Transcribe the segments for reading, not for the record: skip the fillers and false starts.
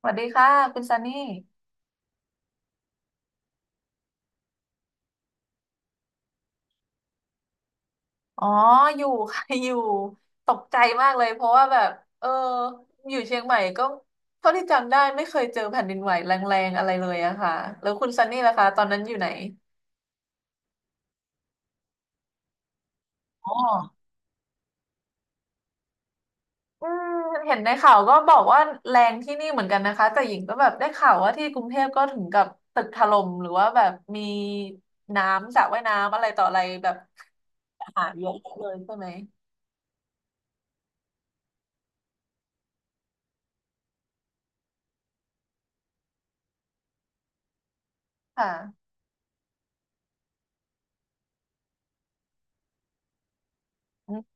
สวัสดีค่ะคุณซันนี่อ๋ออยู่ ค่ะ อยู่ตกใจมากเลยเพราะว่าแบบเอออยู่เชียงใหม่ก็เท่าที่จำได้ไม่เคยเจอแผ่นดินไหวแรงๆอะไรเลยอะค่ะแล้วคุณซันนี่ล่ะคะตอนนั้นอยู่ไหนอ๋ออืมเห็นในข่าวก็บอกว่าแรงที่นี่เหมือนกันนะคะแต่หญิงก็แบบได้ข่าวว่าที่กรุงเทพก็ถึงกับตึกถล่มหรือว่าแบบมีน้ำสระว่ายน้ำอะไรต่ออะไรแบบ หาเยอะเลยใช่ไหมค่ะอืม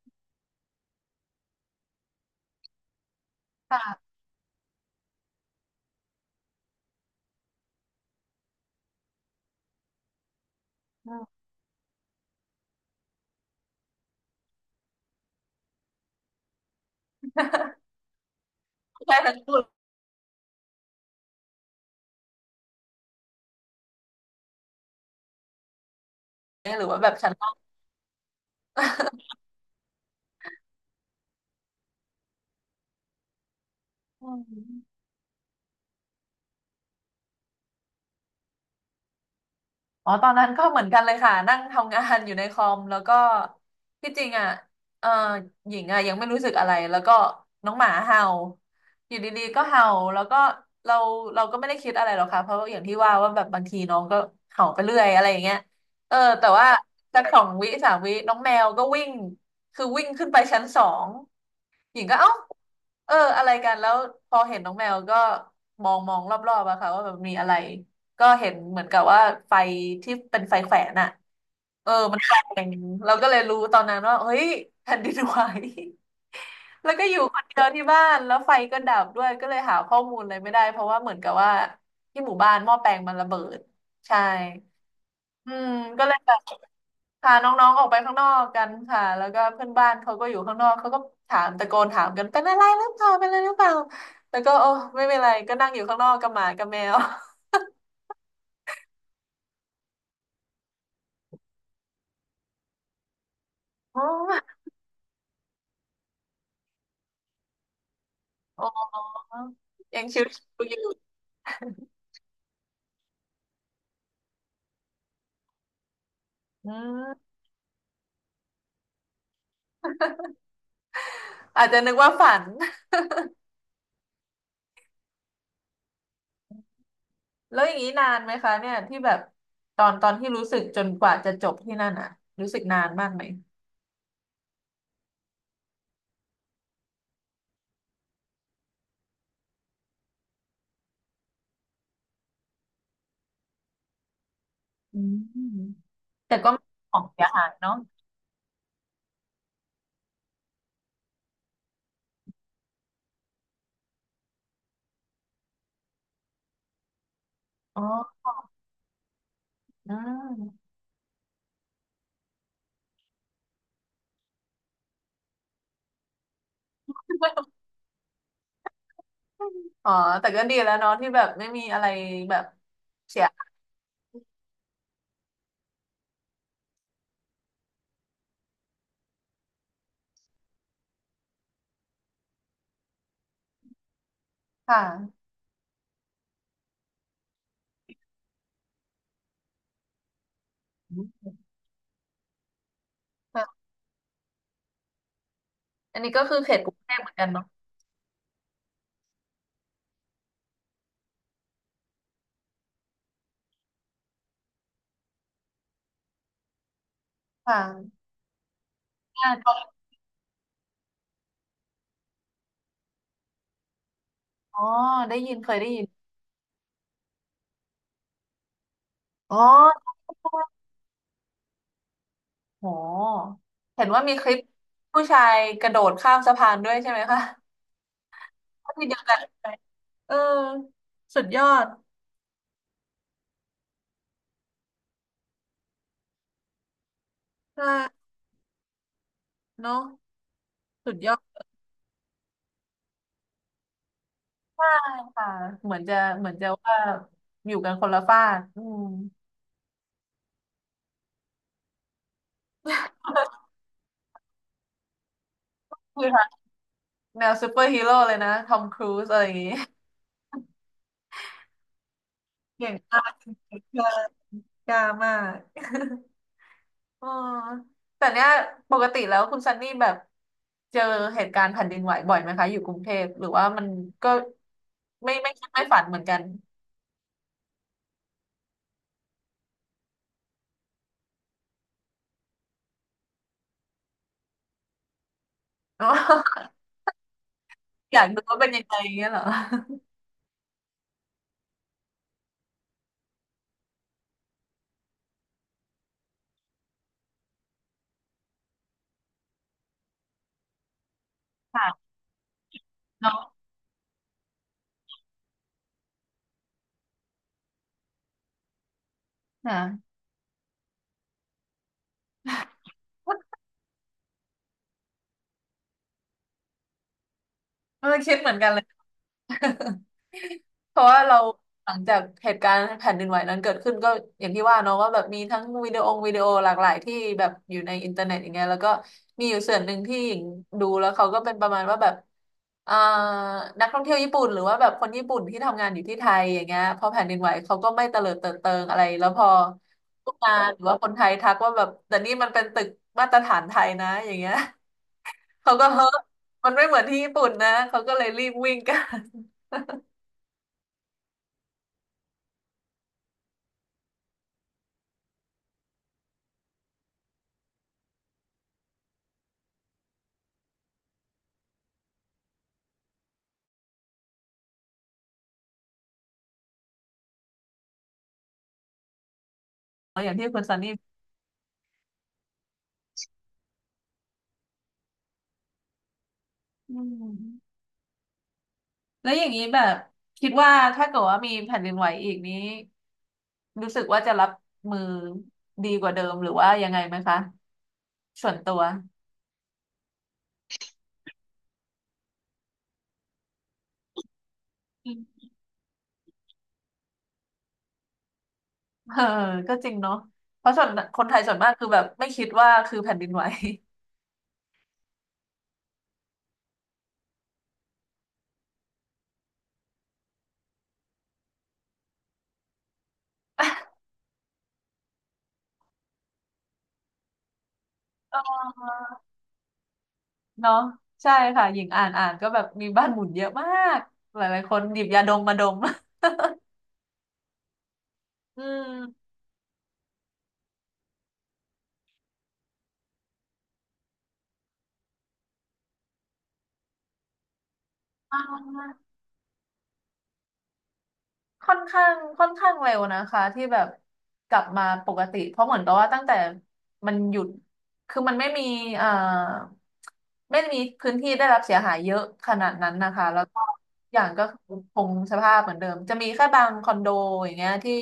ค่ะอืม ใช่ทั้งคู่ หรือว่าแบบชั้นนอก อืม อ๋อตอนนั้นก็เหมือนกันเลยค่ะนั่งทำงานอยู่ในคอมแล้วก็ที่จริงอ่ะเออหญิงอ่ะยังไม่รู้สึกอะไรแล้วก็น้องหมาเห่าอยู่ดีๆก็เห่าแล้วก็เราเราก็ไม่ได้คิดอะไรหรอกค่ะเพราะอย่างที่ว่าว่าแบบบางทีน้องก็เห่าไปเรื่อยอะไรอย่างเงี้ยเออแต่ว่าสักสองวิสามวิน้องแมวก็วิ่งคือวิ่งขึ้นไปชั้นสองหญิงก็เอ้าเอออะไรกันแล้วพอเห็นน้องแมวก็มองมองรอบๆอะค่ะว่าแบบมีอะไร ก็เห็นเหมือนกับว่าไฟที่เป็นไฟแขวนอะเออมันแกว่งเราก็เลยรู้ตอนนั้นว่าเฮ้ยแผ่นดินไหว แล้วก็อยู่คนเดียวที่บ้านแล้วไฟก็ดับด้วยก็เลยหาข้อมูลอะไรไม่ได้เพราะว่าเหมือนกับว่าที่หมู่บ้านหม้อแปลงมันระเบิดใช่อืมก็เลยแบบพาน้องๆออกไปข้างนอกกันค่ะแล้วก็เพื่อนบ้านเขาก็อยู่ข้างนอกเขาก็ถามตะโกนถามกันเป็นอะไรหรือเปล่าเป็นอะไรหรือเปล่าแล้วก็โอ้ไม่เป็นไรก็นั่งอยู่ข้างนอกกับหมากับแมว โอ้โอ้ ยังชิวๆอยู่อืมอาจจะนึกว่าฝัน แล้วอย่างนี้นานไหมคะเนี่ยที่แบบตอนตอนที่รู้สึกจนกว่าจะจบที่นั่นอ่ะรู้สึกนานมากไหมอืมแต่ก็ไม่ของเสียหายเนาะอ๋ออืมอ๋อแต่ก็ดีแล้วเนาะที่แบบไม่มีอะไรแบบเสียหายค่ะอืมค่ะ อันนี้ก็คือเขตกรุงเทพเหมือนกันเนาะค่ะอ่าตอนอ๋อได้ยินเคยได้ยิน อ๋อ อ๋อเห็นว่ามีคลิปผู้ชายกระโดดข้ามสะพานด้วยใช่ไหมคะที่ เดียวกันเออ สุดยอดใช่เนอะสุดยอดมากค่ะ เหมือนจะเหมือนจะว่าอยู่กันคนละฟากอืมคือค่ะแนวซูเปอร์ฮีโร่เลยนะทอมครูซอะไรอย่างงี้เก่งมาก เก่งมากกล้ามาก อ๋อแต่เนี้ยปกติแล้วคุณซันนี่แบบเจอเหตุการณ์แผ่นดินไหวบ่อยไหมคะอยู่กรุงเทพหรือว่ามันก็ไม่คิดไม่ฝันเหมือนกัน อ๋อ อยากดูว่าเป็นยังไงเงี้ยเหรอค่ะเนาะค่ะเออคิดเหมือนกันเลย เพราะว่าเราหลังจากเหตุการณ์แผ่นดินไหวนั้นเกิดขึ้นก็อย่างที่ว่าเนาะว่าแบบมีทั้งวิดีโอหลากหลายที่แบบอยู่ในอินเทอร์เน็ตอย่างเงี้ยแล้วก็มีอยู่ส่วนหนึ่งที่หญิงดูแล้วเขาก็เป็นประมาณว่าแบบอ่านักท่องเที่ยวญี่ปุ่นหรือว่าแบบคนญี่ปุ่นที่ทำงานอยู่ที่ไทยอย่างเงี้ยพอแผ่นดินไหวเขาก็ไม่เตลิดเปิดเปิงอะไรแล้วพอพวกงานหรือว่าคนไทยทักว่าแบบแต่นี่มันเป็นตึกมาตรฐานไทยนะอย่างเงี้ย เขาก็เฮ้อมันไม่เหมือนที่ญี่ปุ่นนะเขาก็เลยรีบวิ่งกัน อย่างที่คุณซันนี่อืม แล้วอย่างนี้แบบคิดว่าถ้าเกิดว่ามีแผ่นดินไหวอีกนี้รู้สึกว่าจะรับมือดีกว่าเดิมหรือว่ายังไงไหมคะส่วนตัวอืมเออก็จริงเนาะเพราะส่วนคนไทยส่วนมากคือแบบไม่คิดว่าคือแผ่นดินไหว เออเนาะใช่ค่ะหญิงอ่านอ่านก็แบบมีบ้านหมุนเยอะมากหลายๆคนหยิบยาดมมาดม อืม ค่อนข้างค่อนข้างเร็วนะคะที่แบบกลับมาปกติเพราะเหมือนกับว่าตั้งแต่มันหยุดคือมันไม่มีเอ่อไม่มีพื้นที่ได้รับเสียหายเยอะขนาดนั้นนะคะแล้วก็อย่างก็คงสภาพเหมือนเดิมจะมีแค่บางคอนโดอย่างเงี้ยที่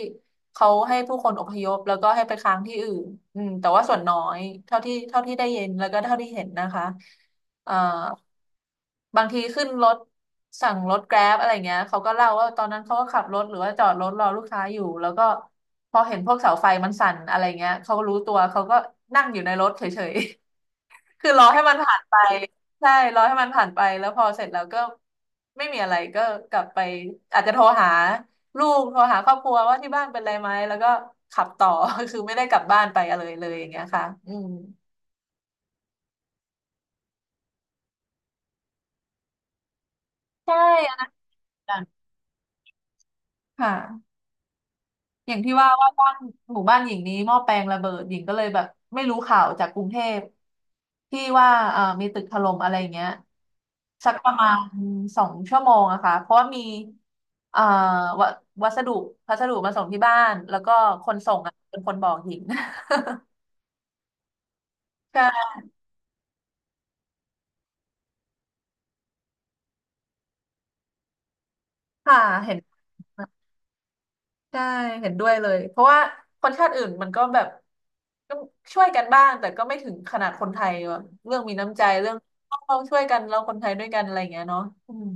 เขาให้ผู้คนอพยพแล้วก็ให้ไปค้างที่อื่นอืมแต่ว่าส่วนน้อยเท่าที่ได้ยินแล้วก็เท่าที่เห็นนะคะ เอ่อบางทีขึ้นรถสั่งรถแกร็บอะไรเงี้ยเขาก็เล่าว่าตอนนั้นเขาก็ขับรถหรือว่าจอดรถรอลูกค้าอยู่แล้วก็พอเห็นพวกเสาไฟมันสั่นอะไรเงี้ยเขารู้ตัวเขาก็นั่งอยู่ในรถเฉยๆ คือรอให้มันผ่านไปใช่รอให้มันผ่านไปแล้วพอเสร็จแล้วก็ไม่มีอะไรก็กลับไปอาจจะโทรหาลูกโทรหาครอบครัวว่าที่บ้านเป็นไรไหมแล้วก็ขับต่อ คือไม่ได้กลับบ้านไปอะไรเลยอย่างเงี้ยค่ะอืมใช่อันนั้นเหมือนกันค่ะ อย่างที่ว่าว่าบ้านหมู่บ้านหญิงนี้หม้อแปลงระเบิดหญิงก็เลยแบบไม่รู้ข่าวจากกรุงเทพที่ว่ามีตึกถล่มอะไรอย่างเงี้ยสักประมาณ2 ชั่วโมงอะค่ะเพราะว่ามีเอ่อวัวัสดุพัสดุมาส่งที่บ้านแล้วก็คนส่งอะเป็นคนบอกหญิง ใช่ค่ะเห็นใช่เห็นด้วยเลยเพราะว่าคนชาติอื่นมันก็แบบก็ช่วยกันบ้างแต่ก็ไม่ถึงขนาดคนไทยแบบเรื่องมีน้ำใจเรื่องต้องช่วยกันเราคนไทยด้วยกันอะไรอย่างเงี้ยเนาะอืม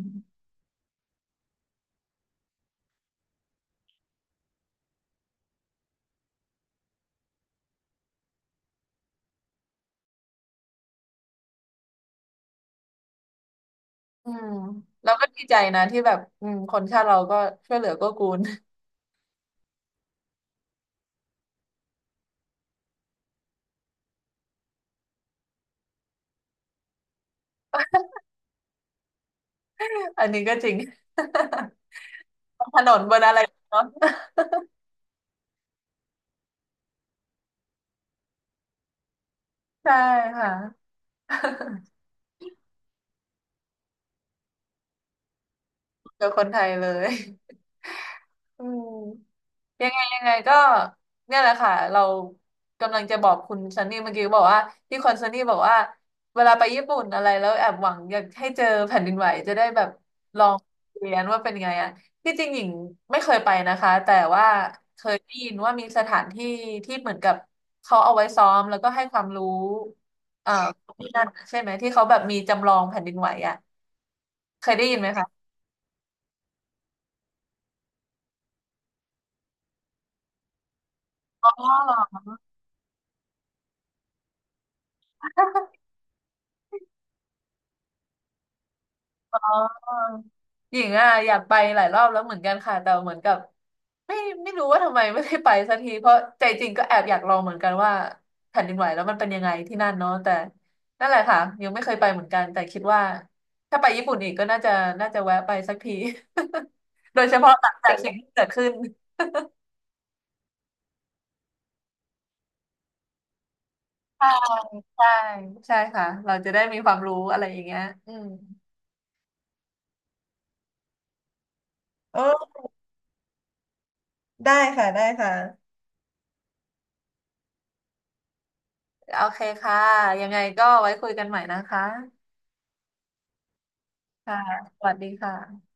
อืมเราก็ดีใจนะที่แบบอืมคนชาติเราก็ช่วยเหลือเก็กูล อันนี้ก็จริง นถนนบนอะไรเนาะ ใช่ค่ะ เจอคนไทยเลยอืม ยังไงยังไงก็เนี่ยแหละค่ะเรากำลังจะบอกคุณซันนี่เมื่อกี้บอกว่าที่คอนซันนี่บอกว่าเวลาไปญี่ปุ่นอะไรแล้วแอบหวังอยากให้เจอแผ่นดินไหวจะได้แบบลองเรียนว่าเป็นไงอ่ะที่จริงหญิงไม่เคยไปนะคะแต่ว่าเคยได้ยินว่ามีสถานที่ที่เหมือนกับเขาเอาไว้ซ้อมแล้วก็ให้ความรู้เอ่อ ที่นั่นใช่ไหมที่เขาแบบมีจำลองแผ่นดินไหวอ่ะเคยได้ยินไหมคะอ๋อ อ๋อหญิงอ่ะอยากไปหลายรอบแล้วเหมือนกันค่ะแต่เหมือนกับไม่ไม่รู้ว่าทำไมไม่ได้ไปสักทีเพราะใจจริงก็แอบอยากลองเหมือนกันว่าแผ่นดินไหวแล้วมันเป็นยังไงที่นั่นเนาะแต่นั่นแหละค่ะยังไม่เคยไปเหมือนกันแต่คิดว่าถ้าไปญี่ปุ่นอีกก็น่าจะแวะไปสักที โดยเฉพาะหลังจากสิ่งที่เกิดขึ้นใช่ใช่ใช่ค่ะเราจะได้มีความรู้อะไรอย่างเงี้ยอืมโอ้ได้ค่ะได้ค่ะโอเคค่ะยังไงก็ไว้คุยกันใหม่นะคะ ค่ะสวัสดีค่ะ